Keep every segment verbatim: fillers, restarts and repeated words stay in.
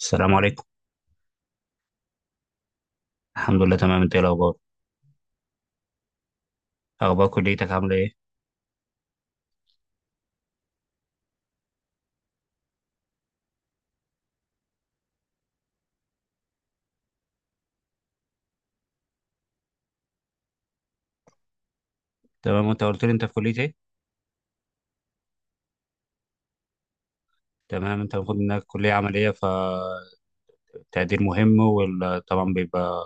السلام عليكم. الحمد لله تمام، انت ايه الاخبار؟ اخبار كليتك عامله ايه؟ تمام، انت قلت لي انت في كليه ايه؟ تمام، انت المفروض انك كليه عمليه فالتقدير مهم، وطبعا بيبقى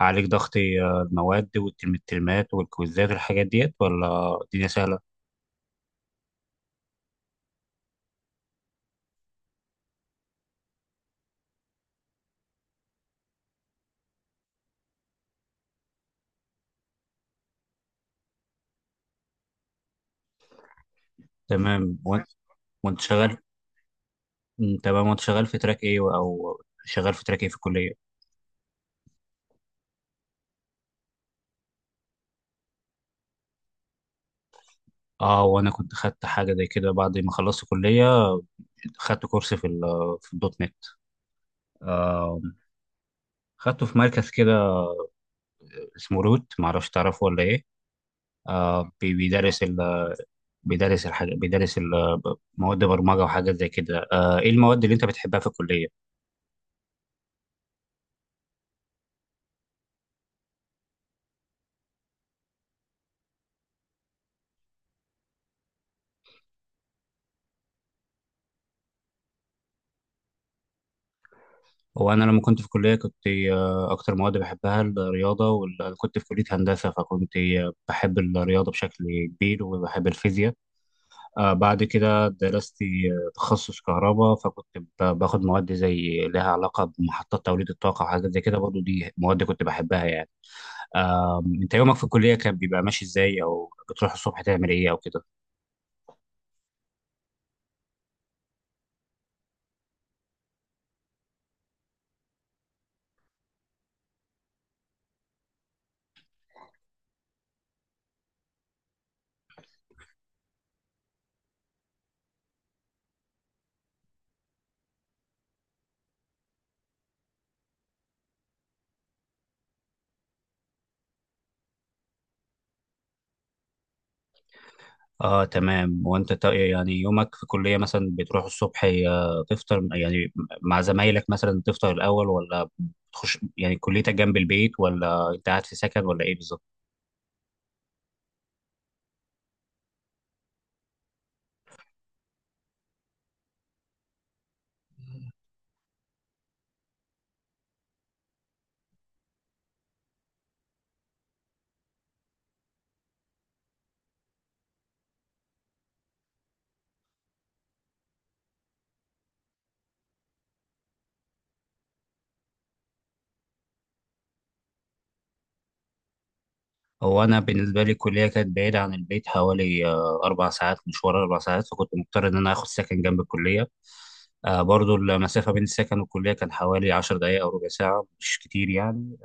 عليك ضغط. اه، المواد والترمات والكويزات والحاجات ديت، ولا الدنيا سهله؟ تمام. وانت وانت شغال؟ مم، تمام. وانت شغال في تراك ايه او شغال في تراك ايه في الكليه؟ اه، وانا كنت خدت حاجه زي كده بعد ما خلصت كليه، خدت كورس في ال- في الدوت نت. آه. خدته في مركز كده اسمه رود، معرفش تعرفه ولا ايه. آه بي- بيدرس ال... بيدرس الحاجة بيدرس ال... مواد برمجة وحاجات زي كده. آه، ايه المواد اللي انت بتحبها في الكلية؟ هو انا لما كنت في الكلية كنت، آه اكتر مواد بحبها الرياضة وال... كنت في كلية هندسة، فكنت آه، بحب الرياضة بشكل كبير وبحب الفيزياء. آه، بعد كده درست آه، تخصص كهرباء، فكنت ب- باخد مواد زي لها علاقة بمحطات توليد الطاقة وحاجات زي كده، برضو دي مواد كنت بحبها يعني. آم، انت يومك في الكلية كان بيبقى ماشي ازاي؟ او بتروح الصبح تعمل ايه او كده؟ اه تمام. وانت تا- يعني يومك في الكلية مثلا بتروح الصبح، آه، تفطر يعني مع زمايلك مثلا، تفطر الاول؟ ولا بتخش يعني كليتك جنب البيت؟ ولا انت قاعد في سكن ولا ايه بالظبط؟ هو انا بالنسبة لي الكلية كانت بعيدة عن البيت حوالي، آه، اربع ساعات مشوار، اربع ساعات، فكنت مضطر ان انا اخد سكن جنب الكلية. آه، برضو المسافة بين السكن والكلية كان حوالي عشر دقايق أو ربع ساعة، مش كتير يعني.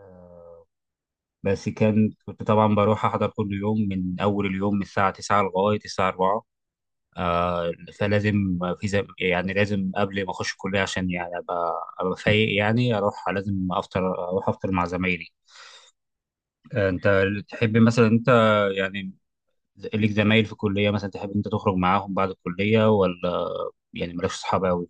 بس كان كنت طبعا بروح احضر كل يوم من اول اليوم من الساعه تسعة لغايه الساعه الرابعة. آه، فلازم في زم... يعني لازم قبل ما اخش الكليه عشان يعني ابقى ابقى فايق يعني. اروح لازم افطر اروح افطر مع زمايلي. آه، انت تحب مثلا انت يعني ليك زمايل في الكليه مثلا تحب انت تخرج معاهم بعد الكليه؟ ولا يعني مالكش اصحاب قوي؟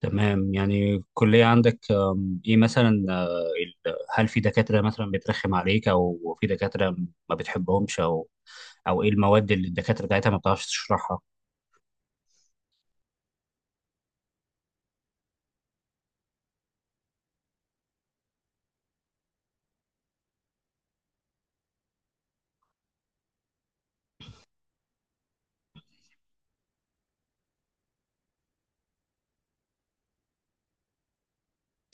تمام. يعني الكلية عندك، آم، إيه مثلا، آه، ال- هل في دكاترة مثلا بترخم عليك؟ أو في دكاترة ما بتحبهمش؟ أو أو إيه المواد اللي الدكاترة بتاعتها ما بتعرفش تشرحها؟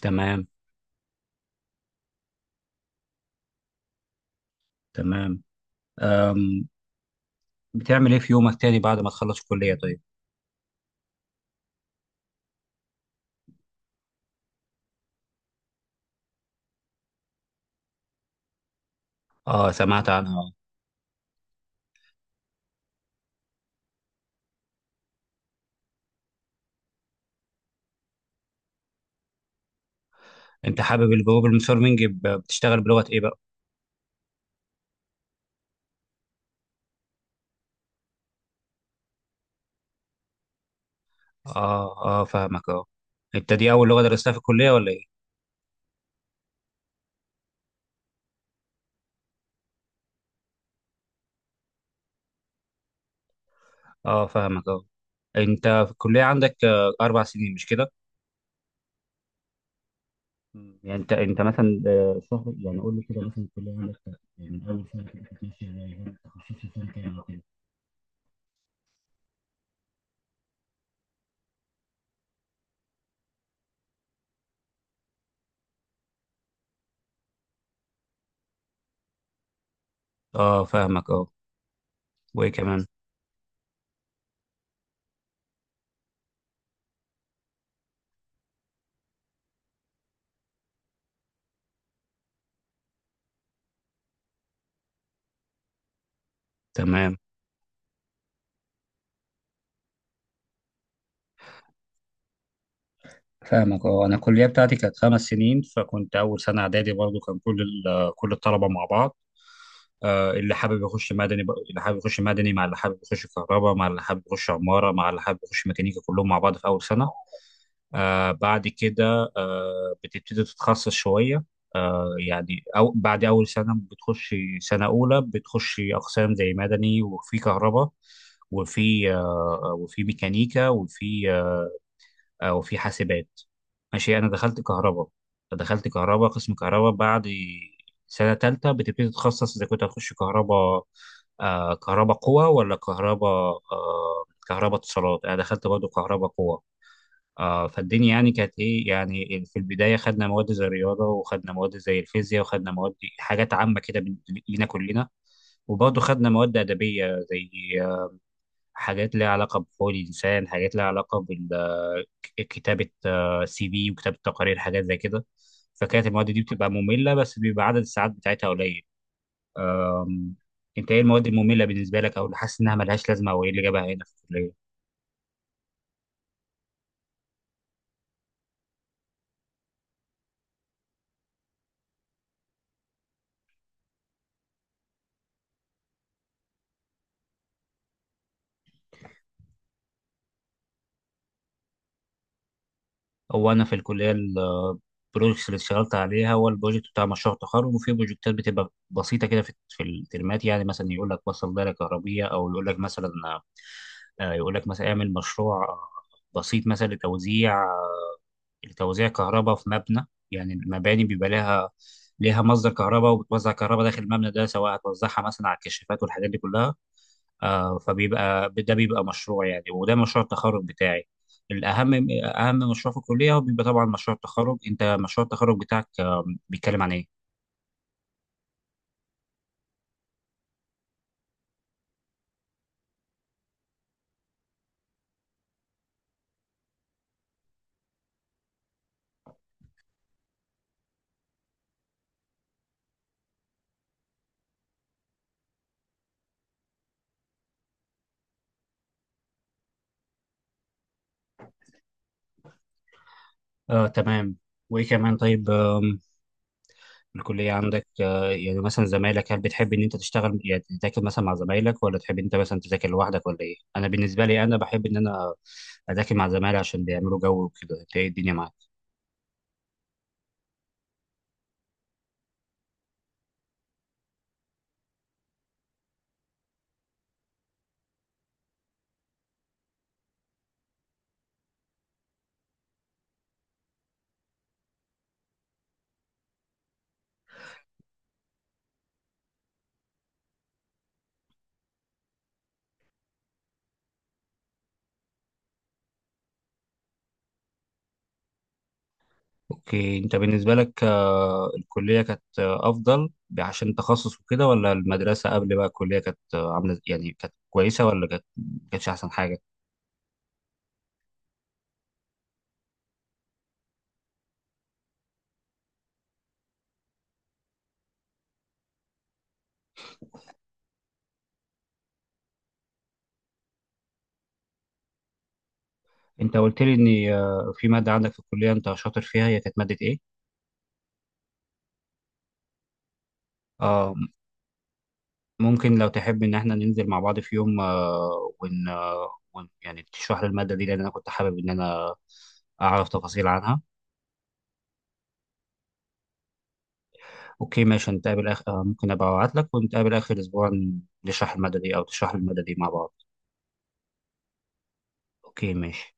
تمام. تمام. آم، بتعمل إيه في يومك تاني بعد ما تخلص الكلية طيب؟ آه، سمعت عنها آه. أنت حابب الجلوبال مونيتورنج، ب- بتشتغل بلغة إيه بقى؟ آه آه فاهمك آه. أنت دي أول لغة درستها في الكلية ولا إيه؟ آه فاهمك آه. أنت في الكلية عندك، آه، أربع سنين مش كده؟ مم. يعني انت انت مثلا آه، شهر، يعني قول لي كده مثلا الكليه عندك كانت، يعني من اول سنه كده كانت ماشيه ازاي؟ وانت تخصصت فين كام وكده؟ اه فاهمك اه. وايه كمان؟ تمام فاهمك اه. انا الكليه بتاعتي كانت خمس سنين، فكنت اول سنه اعدادي برضو كان كل ال- كل الطلبه مع بعض. آه، اللي حابب يخش مدني بق- اللي حابب يخش مدني مع اللي حابب يخش كهرباء مع اللي حابب يخش عماره مع اللي حابب يخش ميكانيكا، كلهم مع بعض في اول سنه. آه بعد كده آه بتبتدي تتخصص شوية. آه يعني أو بعد أول سنة بتخش، سنة أولى بتخش أقسام زي مدني، وفي كهرباء، وفي آه وفي ميكانيكا، وفي آه وفي حاسبات. ماشي، أنا دخلت كهرباء. دخلت كهرباء قسم كهرباء. بعد سنة تالتة بتبتدي تتخصص إذا كنت هتخش كهرباء، آه كهرباء قوة ولا كهرباء آه كهرباء اتصالات. أنا دخلت برضه كهرباء قوة. آه، فالدنيا يعني كانت ايه يعني، في البدايه خدنا مواد زي الرياضه، وخدنا مواد زي الفيزياء، وخدنا مواد حاجات عامه كده بن- لينا كلنا. وبرضه خدنا مواد ادبيه زي، آه، حاجات ليها علاقه بحقوق الانسان، حاجات ليها علاقه بكتابه سي في وكتابه تقارير، حاجات زي كده. فكانت المواد دي بتبقى ممله بس بيبقى عدد الساعات بتاعتها قليل. أم، انت ايه المواد الممله بالنسبه لك، او اللي حاسس انها ملهاش لازمه او ايه اللي جابها هنا في الكليه؟ هو انا في الكليه البروجكتس اللي اشتغلت عليها، هو البروجكت بتاع مشروع التخرج، وفي بروجكتات بتبقى بسيطه كده في في الترمات، يعني مثلا يقول لك وصل دايره كهربيه، او يقول لك مثلا، آه، يقول لك مثلا اعمل مشروع، آه، بسيط مثلا لتوزيع لتوزيع كهرباء في مبنى. يعني المباني بيبقى لها ليها مصدر كهرباء وبتوزع كهرباء داخل المبنى ده، سواء هتوزعها مثلا على الكشافات والحاجات دي كلها. آه، فبيبقى ده بيبقى مشروع يعني، وده مشروع التخرج بتاعي. الأهم أهم مشروع في الكلية هو بيبقى طبعا مشروع التخرج. أنت مشروع التخرج بتاعك، آه، بيتكلم عن إيه؟ آه تمام. وإيه كمان طيب؟ آم، الكلية عندك، آه، يعني مثلا زمايلك، هل بتحب إن أنت تشتغل يعني تذاكر مثلا مع زمايلك، ولا تحب أنت مثلا تذاكر لوحدك ولا إيه؟ أنا بالنسبة لي أنا بحب إن أنا أذاكر مع زمايلي عشان بيعملوا جو وكده. أنت إيه الدنيا معاك؟ اوكي، انت بالنسبه لك، آه، الكليه كانت، آه، افضل ب- عشان تخصص وكده، ولا المدرسه قبل بقى الكليه كانت، آه، عامله يعني كانت كويسه ولا كانت ما كانتش احسن حاجه؟ انت قلت لي ان، آه، في ماده عندك في الكليه انت شاطر فيها، هي كانت ماده ايه؟ آه. ممكن لو تحب ان احنا ننزل مع بعض في يوم، آه ون, آه ون يعني تشرح لي الماده دي، لان انا كنت حابب ان انا اعرف تفاصيل عنها. اوكي ماشي. نتقابل آخر، آه، ممكن ابقى ابعت لك ونتقابل اخر اسبوع، نشرح الماده دي او تشرح لي الماده دي مع بعض. اوكي ماشي.